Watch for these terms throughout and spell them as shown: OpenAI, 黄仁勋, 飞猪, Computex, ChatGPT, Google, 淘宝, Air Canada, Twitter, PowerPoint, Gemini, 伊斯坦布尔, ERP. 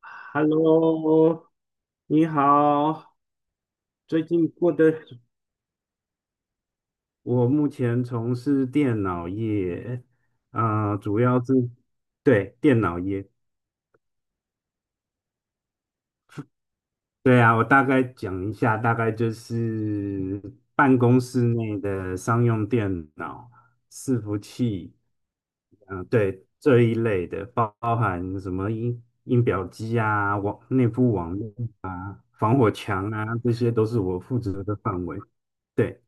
Hello，你好，最近过得，我目前从事电脑业，主要是对电脑业，对啊，我大概讲一下，大概就是办公室内的商用电脑、伺服器，对这一类的，包含什么音表机啊、内部网络、防火墙啊，这些都是我负责的范围。对。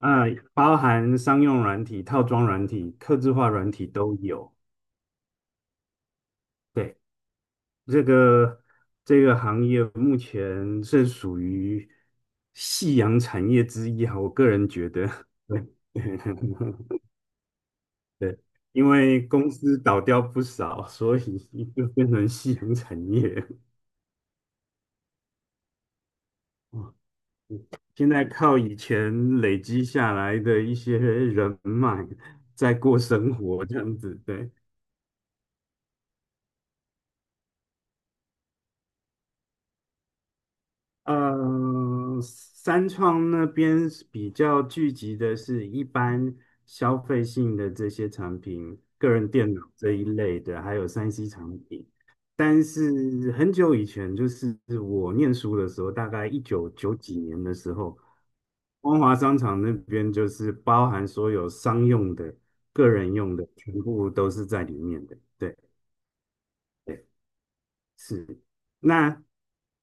啊、包含商用软体、套装软体、客制化软体都有。对，这个这个行业目前是属于夕阳产业之一啊，我个人觉得。对，对，因为公司倒掉不少，所以就变成夕阳产业。哦，现在靠以前累积下来的一些人脉在过生活，这样子，对。三创那边是比较聚集的是一般消费性的这些产品，个人电脑这一类的，还有 3C 产品。但是很久以前，就是我念书的时候，大概一九九几年的时候，光华商场那边就是包含所有商用的、个人用的，全部都是在里面的。对。是，那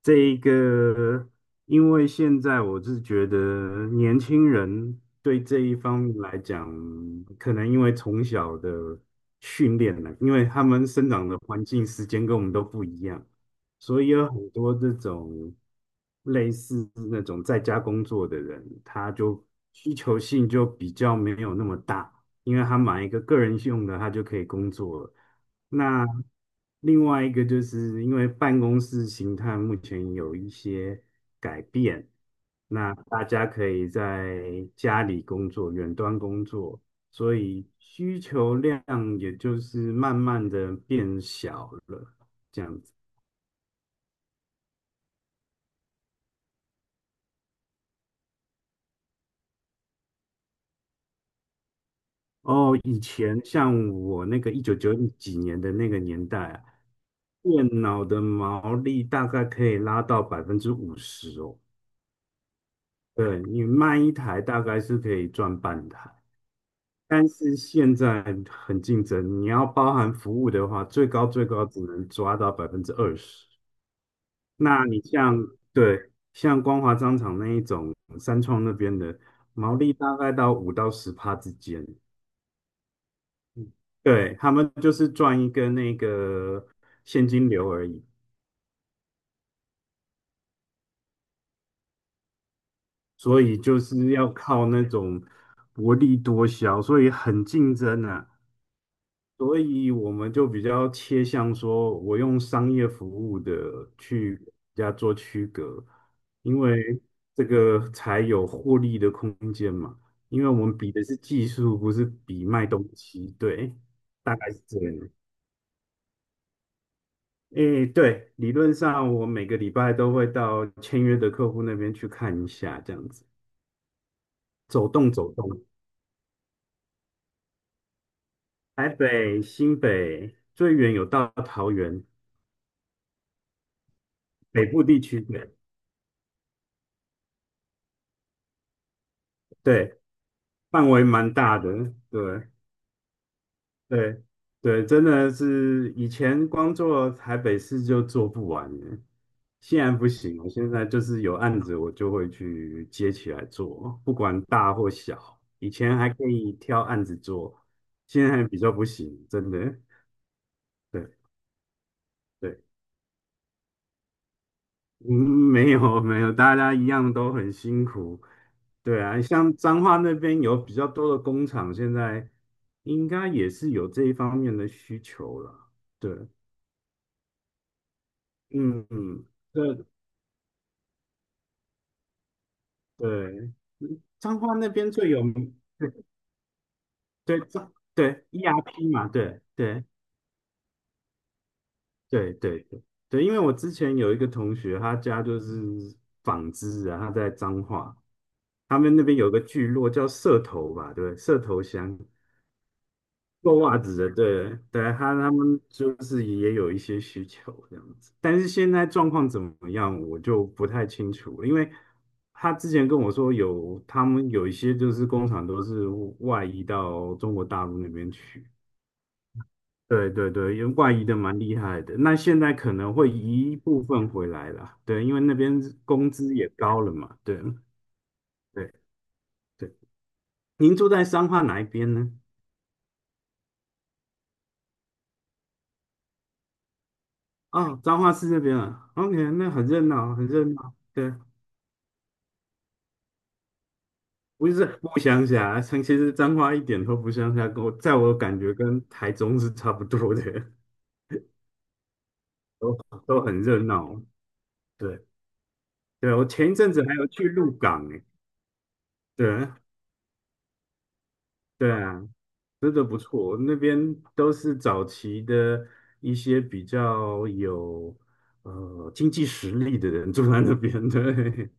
这一个，因为现在我是觉得年轻人对这一方面来讲，可能因为从小的训练呢，因为他们生长的环境、时间跟我们都不一样，所以有很多这种类似那种在家工作的人，需求性就比较没有那么大。因为他买一个个人用的，他就可以工作了。那另外一个就是因为办公室形态目前有一些改变，那大家可以在家里工作、远端工作，所以需求量也就是慢慢的变小了，这样子。哦，以前像我那个一九九几年的那个年代啊，电脑的毛利大概可以拉到50%哦。对，你卖一台大概是可以赚半台，但是现在很竞争，你要包含服务的话，最高最高只能抓到20%。那你像对像光华商场那一种，三创那边的毛利大概到五到十趴之间，对，他们就是赚一个那个现金流而已，所以就是要靠那种薄利多销，所以很竞争啊。所以我们就比较切向说，我用商业服务的去跟人家做区隔，因为这个才有获利的空间嘛。因为我们比的是技术，不是比卖东西。对，大概是这样。诶，对，理论上我每个礼拜都会到签约的客户那边去看一下，这样子走动走动。台北、新北，最远有到桃园，北部地区的。对。范围蛮大的，对对对，真的是以前光做台北市就做不完了，现在不行了，现在就是有案子我就会去接起来做，不管大或小，以前还可以挑案子做，现在比较不行，真的，对对。嗯，没有没有，大家一样都很辛苦。对啊，像彰化那边有比较多的工厂，现在应该也是有这一方面的需求了。对，嗯嗯，对对，彰化那边最有名，对，对 ERP 嘛，对对对对对对，因为我之前有一个同学，他家就是纺织啊，他在彰化，他们那边有个聚落叫社头吧，对，社头乡。做袜子的，对对，他们就是也有一些需求这样子，但是现在状况怎么样，我就不太清楚了因为他之前跟我说有他们有一些就是工厂都是外移到中国大陆那边去，对对对，因为外移的蛮厉害的，那现在可能会移一部分回来啦，对，因为那边工资也高了嘛，对对对。您住在彰化哪一边呢？哦，彰化市这边啊，OK，那很热闹，很热闹，对。不是不乡下，像其实彰化一点都不乡下，跟我在我感觉跟台中是差不多的，都都很热闹。对对，我前一阵子还有去鹿港诶，对对啊，真的不错，那边都是早期的一些比较有经济实力的人住在那边，对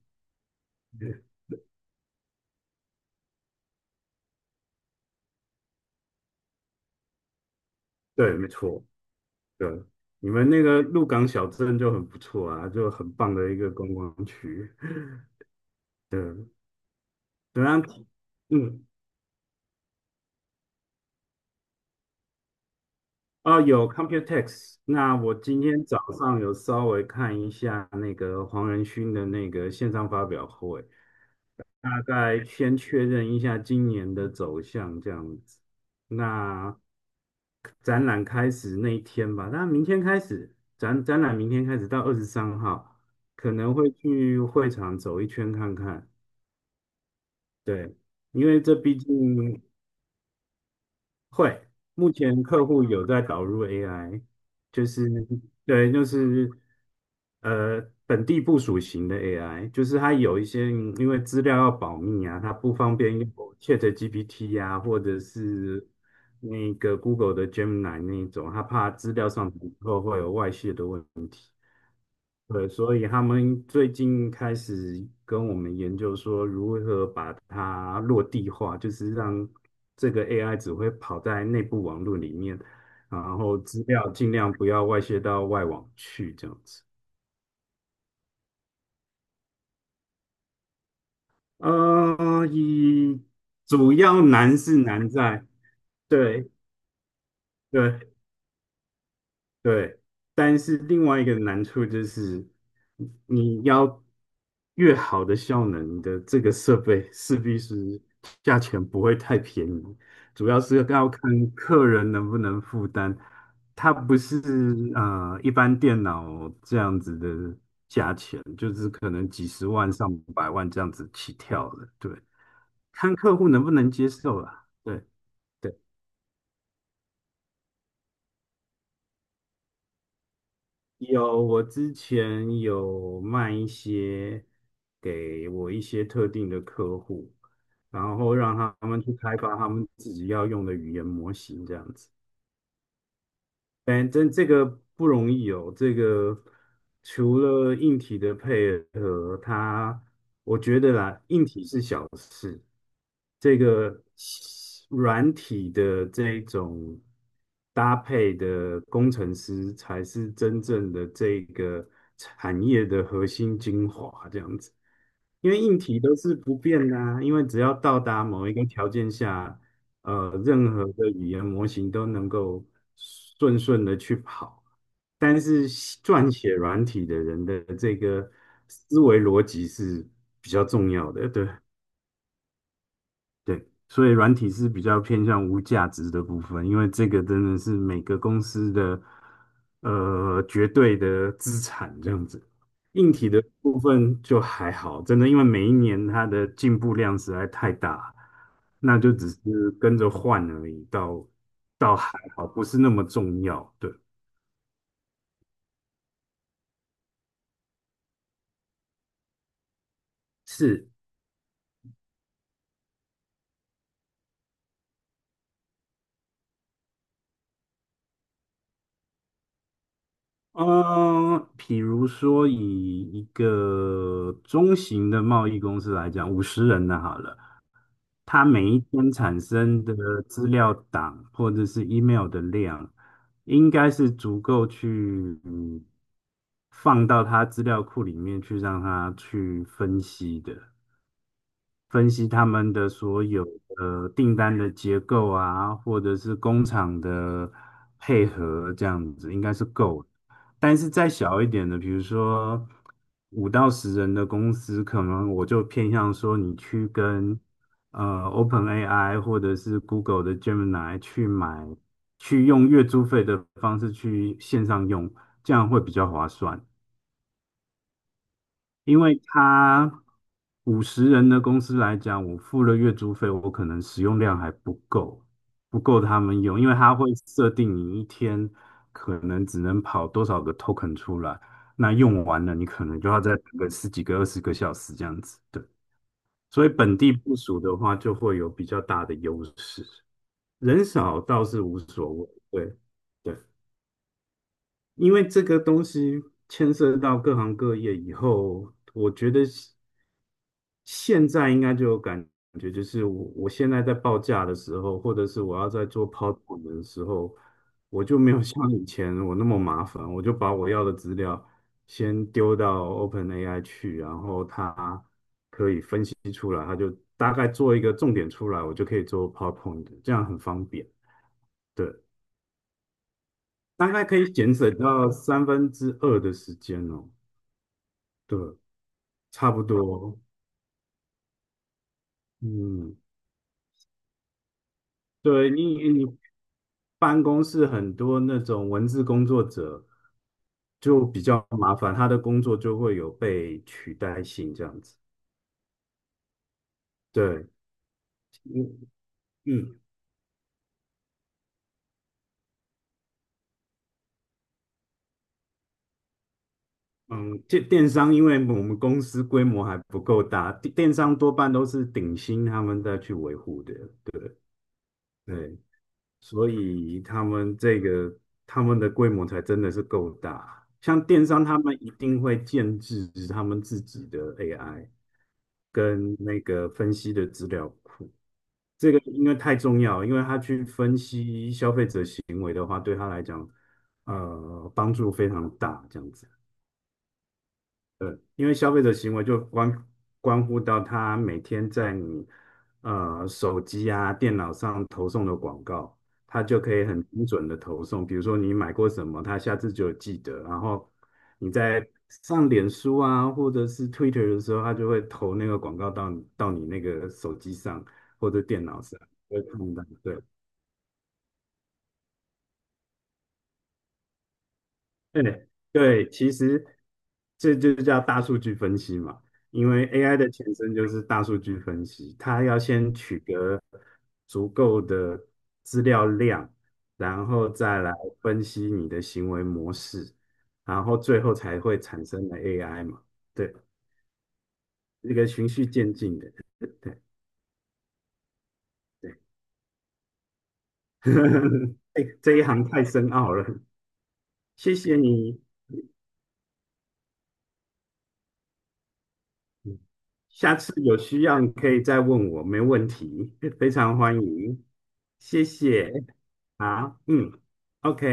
对，没错，对，你们那个鹿港小镇就很不错啊，就很棒的一个观光区，对，对啊，嗯。有 Computex。那我今天早上有稍微看一下那个黄仁勋的那个线上发表会，大概先确认一下今年的走向这样子。那展览开始那一天吧，那明天开始展览，明天开始到23号，可能会去会场走一圈看看。对，因为这毕竟会，目前客户有在导入 AI，就是对，就是呃本地部署型的 AI，就是它有一些因为资料要保密啊，它不方便用 ChatGPT 呀、或者是那个 Google 的 Gemini 那一种，他怕资料上传以后会有外泄的对，所以他们最近开始跟我们研究说，如何把它落地化，就是让这个 AI 只会跑在内部网络里面，然后资料尽量不要外泄到外网去，这样子。啊，一主要难是难在，对对，对，但是另外一个难处就是，你要越好的效能，你的这个设备势必是价钱不会太便宜，主要是要看客人能不能负担。它不是一般电脑这样子的价钱，就是可能几十万、上百万这样子起跳的。对，看客户能不能接受啦。对。有，我之前有卖一些给我一些特定的客户，然后让他们去开发他们自己要用的语言模型，这样子。反正这个不容易哦。这个除了硬体的配合，它我觉得啦，硬体是小事，这个软体的这一种搭配的工程师才是真正的这个产业的核心精华，这样子。因为硬体都是不变的啊因为只要到达某一个条件下，任何的语言模型都能够顺顺的去跑，但是撰写软体的人的这个思维逻辑是比较重要的，对。对，所以软体是比较偏向无价值的部分，因为这个真的是每个公司的绝对的资产这样子。硬体的部分就还好，真的，因为每一年它的进步量实在太大，那就只是跟着换而已，倒还好，不是那么重要。对，是。嗯，比如说以一个中型的贸易公司来讲，五十人的好了。他每一天产生的资料档或者是 email 的量，应该是足够去放到他资料库里面去让他去分析的。分析他们的所有的订单的结构啊，或者是工厂的配合，这样子应该是够的。但是再小一点的，比如说5到10人的公司，可能我就偏向说你去跟OpenAI 或者是 Google 的 Gemini 去买，去用月租费的方式去线上用，这样会比较划算。因为他五十人的公司来讲，我付了月租费，我可能使用量还不够，不够他们用，因为它会设定你一天可能只能跑多少个 token 出来，那用完了你可能就要再等个十几个、20个小时这样子。对，所以本地部署的话就会有比较大的优势，人少倒是无所谓。对，对。因为这个东西牵涉到各行各业以后，我觉得现在应该就有感觉，就是我现在在报价的时候，或者是我要在做 PowerPoint 的时候，我就没有像以前我那么麻烦，我就把我要的资料先丢到 OpenAI 去，然后它提出来，它就大概做一个重点出来，我就可以做 PowerPoint，这样很方便，对，大概可以节省到三分之二的时间哦。对，差不多，嗯，对你办公室很多那种文字工作者就比较麻烦，他的工作就会有被取代性这样子。对，嗯嗯嗯，电商因为我们公司规模还不够大，电商多半都是顶薪他们在去维护的。对，所以他们这个他们的规模才真的是够大。像电商，他们一定会建制他们自己的 AI 跟那个分析的资料库。这个因为太重要，因为他去分析消费者行为的话，对他来讲，帮助非常大。这样子。因为消费者行为就关乎到他每天在你手机啊、电脑上投送的广告，他就可以很精准的投送。比如说你买过什么，他下次就有记得。然后你在上脸书啊，或者是 Twitter 的时候，他就会投那个广告到你那个手机上或者电脑上，会看到。对，对对，其实这就叫大数据分析嘛，因为 AI 的前身就是大数据分析，它要先取得足够的资料量，然后再来分析你的行为模式，然后最后才会产生的 AI 嘛，对，这个循序渐进的，对对。哎，这一行太深奥了，谢谢你嗯下次有需要你可以再问我，没问题，非常欢迎，谢谢。好，嗯，OK。